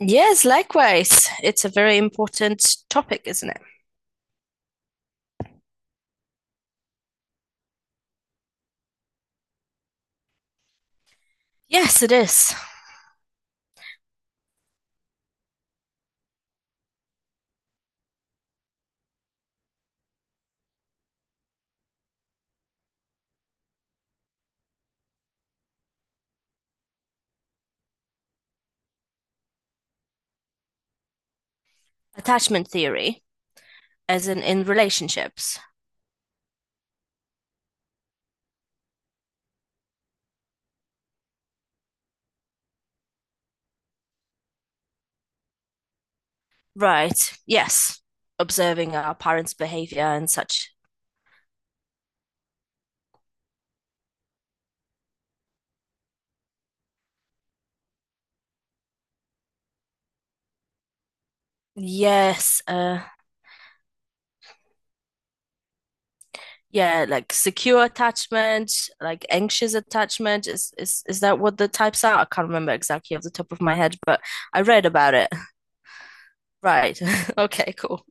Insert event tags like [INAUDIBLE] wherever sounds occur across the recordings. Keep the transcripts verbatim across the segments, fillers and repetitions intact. Yes, likewise. It's a very important topic, isn't it? Yes, it is. Attachment theory, as in in relationships. Right. Yes. Observing our parents' behavior and such. Yes. Uh, yeah, like secure attachment, like anxious attachment. Is is is that what the types are? I can't remember exactly off the top of my head, but I read about it. Right. [LAUGHS] Okay, cool.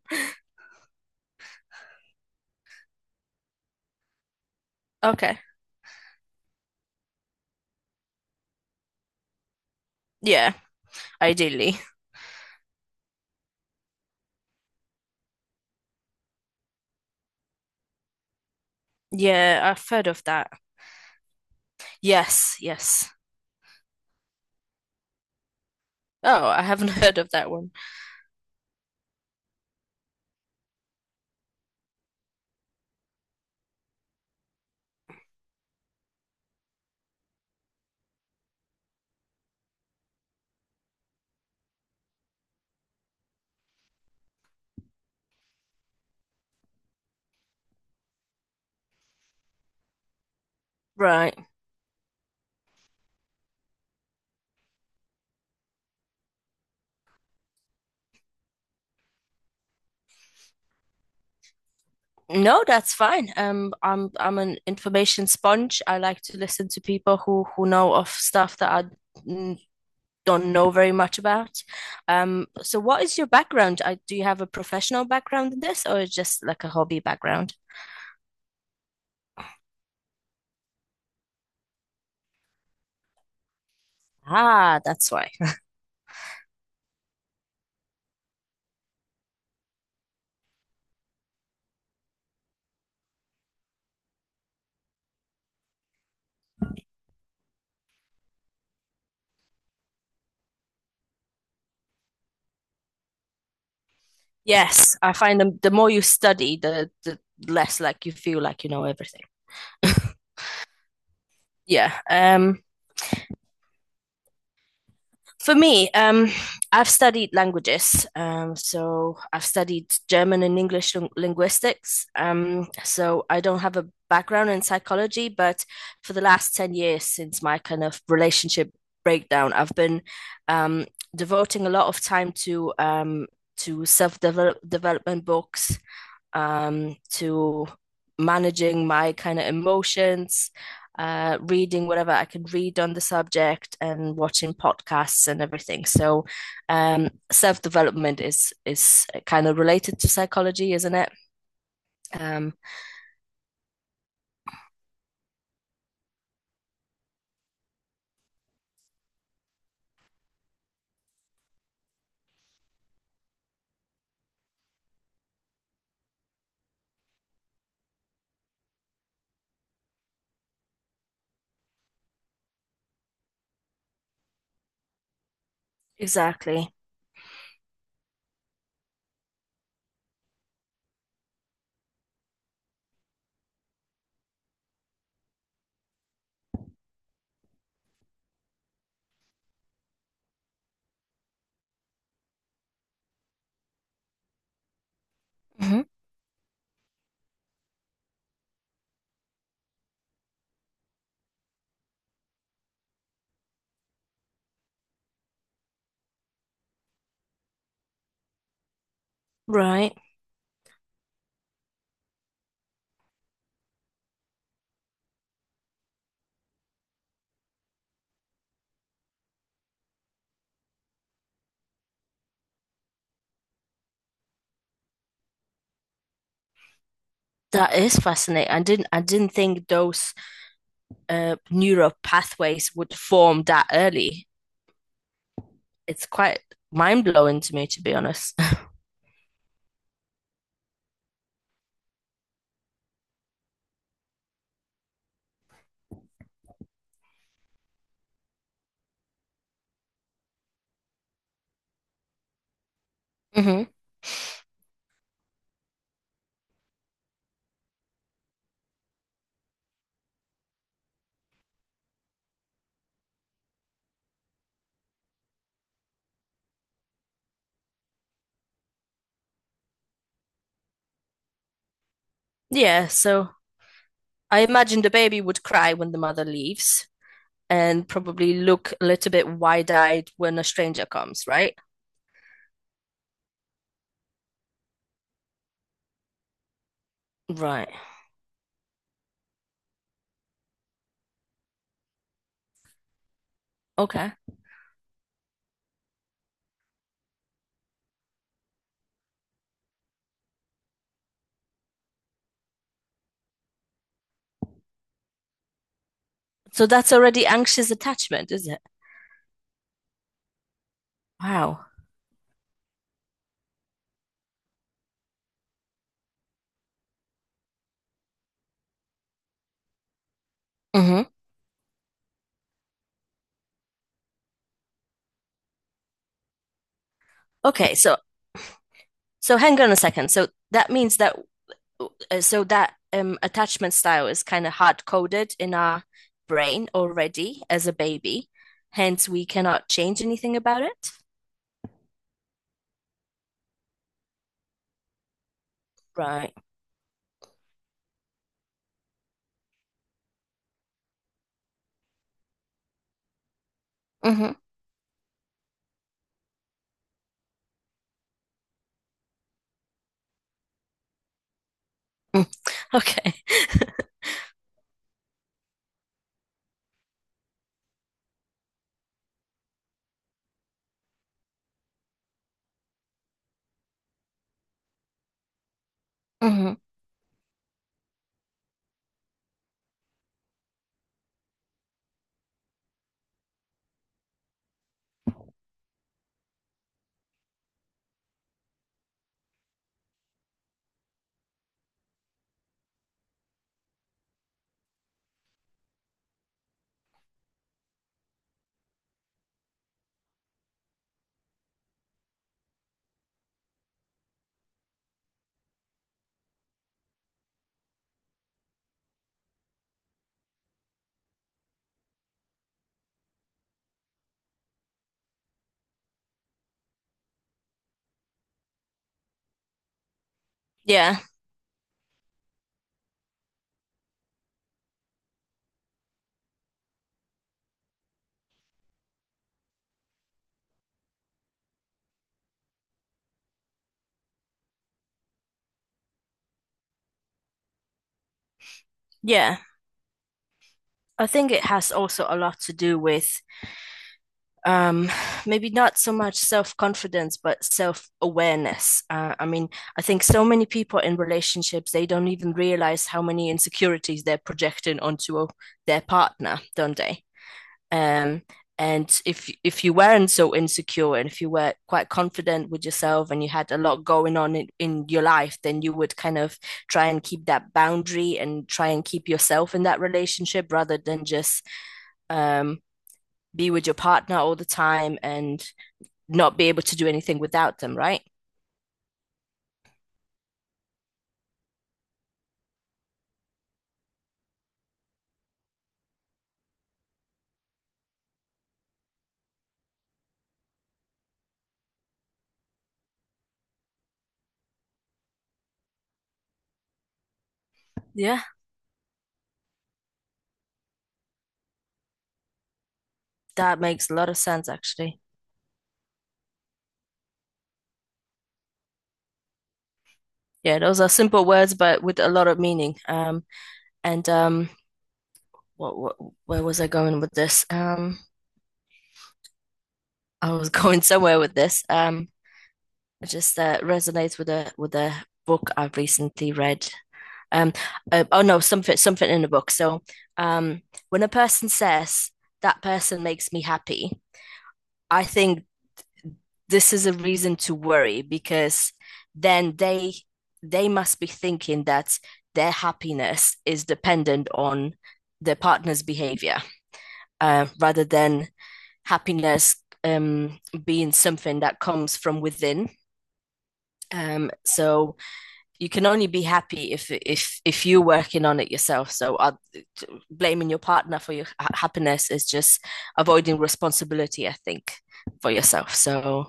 Okay. Yeah, ideally. Yeah, I've heard of that. Yes, yes. Oh, I haven't [LAUGHS] heard of that one. Right. No, that's fine. Um, I'm I'm an information sponge. I like to listen to people who who know of stuff that I mm, don't know very much about. Um, so what is your background? I, do you have a professional background in this or just like a hobby background? Ah, that's why. Yes, I find the, the more you study, the the less like you feel like you know everything. [LAUGHS] Yeah. Um, For me, um, I've studied languages. Um, so I've studied German and English lin- linguistics. Um, so I don't have a background in psychology, but for the last 10 years since my kind of relationship breakdown, I've been um, devoting a lot of time to um, to self development books, um, to managing my kind of emotions, uh, reading whatever I could read on the subject, and watching podcasts and everything. So, um, self development is is kind of related to psychology, isn't it? Um, exactly. Hmm. Right. That is fascinating. I didn't I didn't think those uh, neural pathways would form that early. It's quite mind blowing to me, to be honest. [LAUGHS] Hmm. Yeah. So I imagine the baby would cry when the mother leaves and probably look a little bit wide-eyed when a stranger comes, right? Right. Okay. So that's already anxious attachment, is it? Wow. Hmm. Okay, so so hang on a second. So that means that uh, so that um attachment style is kind of hard-coded in our brain already as a baby. Hence, we cannot change anything about it. Right. Hmm. Okay. Hmm. Yeah. Yeah. I think it has also a lot to do with um, maybe not so much self confidence, but self awareness. Uh, I mean, I think so many people in relationships, they don't even realize how many insecurities they're projecting onto a, their partner, don't they? Um, and if if you weren't so insecure and if you were quite confident with yourself and you had a lot going on in, in your life, then you would kind of try and keep that boundary and try and keep yourself in that relationship rather than just um, be with your partner all the time and not be able to do anything without them, right? Yeah, that makes a lot of sense actually. Yeah, those are simple words but with a lot of meaning. Um, and um, what, what where was I going with this? Um, I was [LAUGHS] going somewhere with this. Um, it just uh, resonates with a with a book I've recently read. Um, uh, oh no, something something in the book. So um, when a person says that person makes me happy, I think this is a reason to worry because then they they must be thinking that their happiness is dependent on their partner's behavior, uh, rather than happiness, um, being something that comes from within. Um, so you can only be happy if if if you're working on it yourself. So uh, blaming your partner for your ha- happiness is just avoiding responsibility, I think, for yourself. So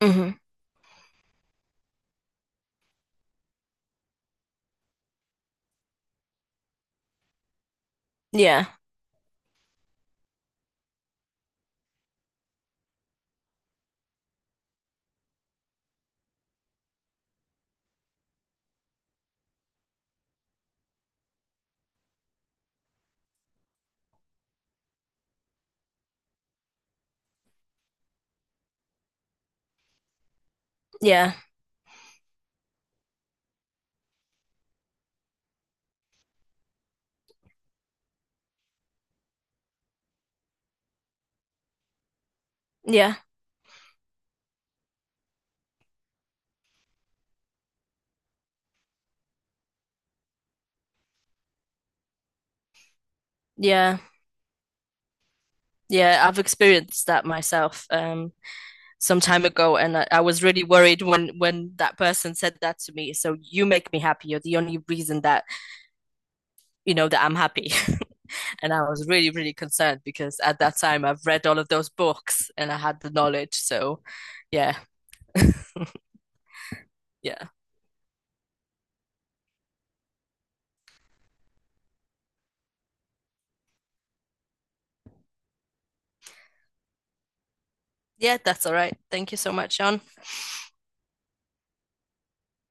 mm-hmm. yeah yeah Yeah, yeah, yeah. I've experienced that myself um some time ago, and I, I was really worried when when that person said that to me. So you make me happy. You're the only reason that you know that I'm happy. [LAUGHS] And I was really, really concerned because at that time I've read all of those books and I had the knowledge. So yeah, yeah. Yeah, that's all right. Thank you so much, Sean.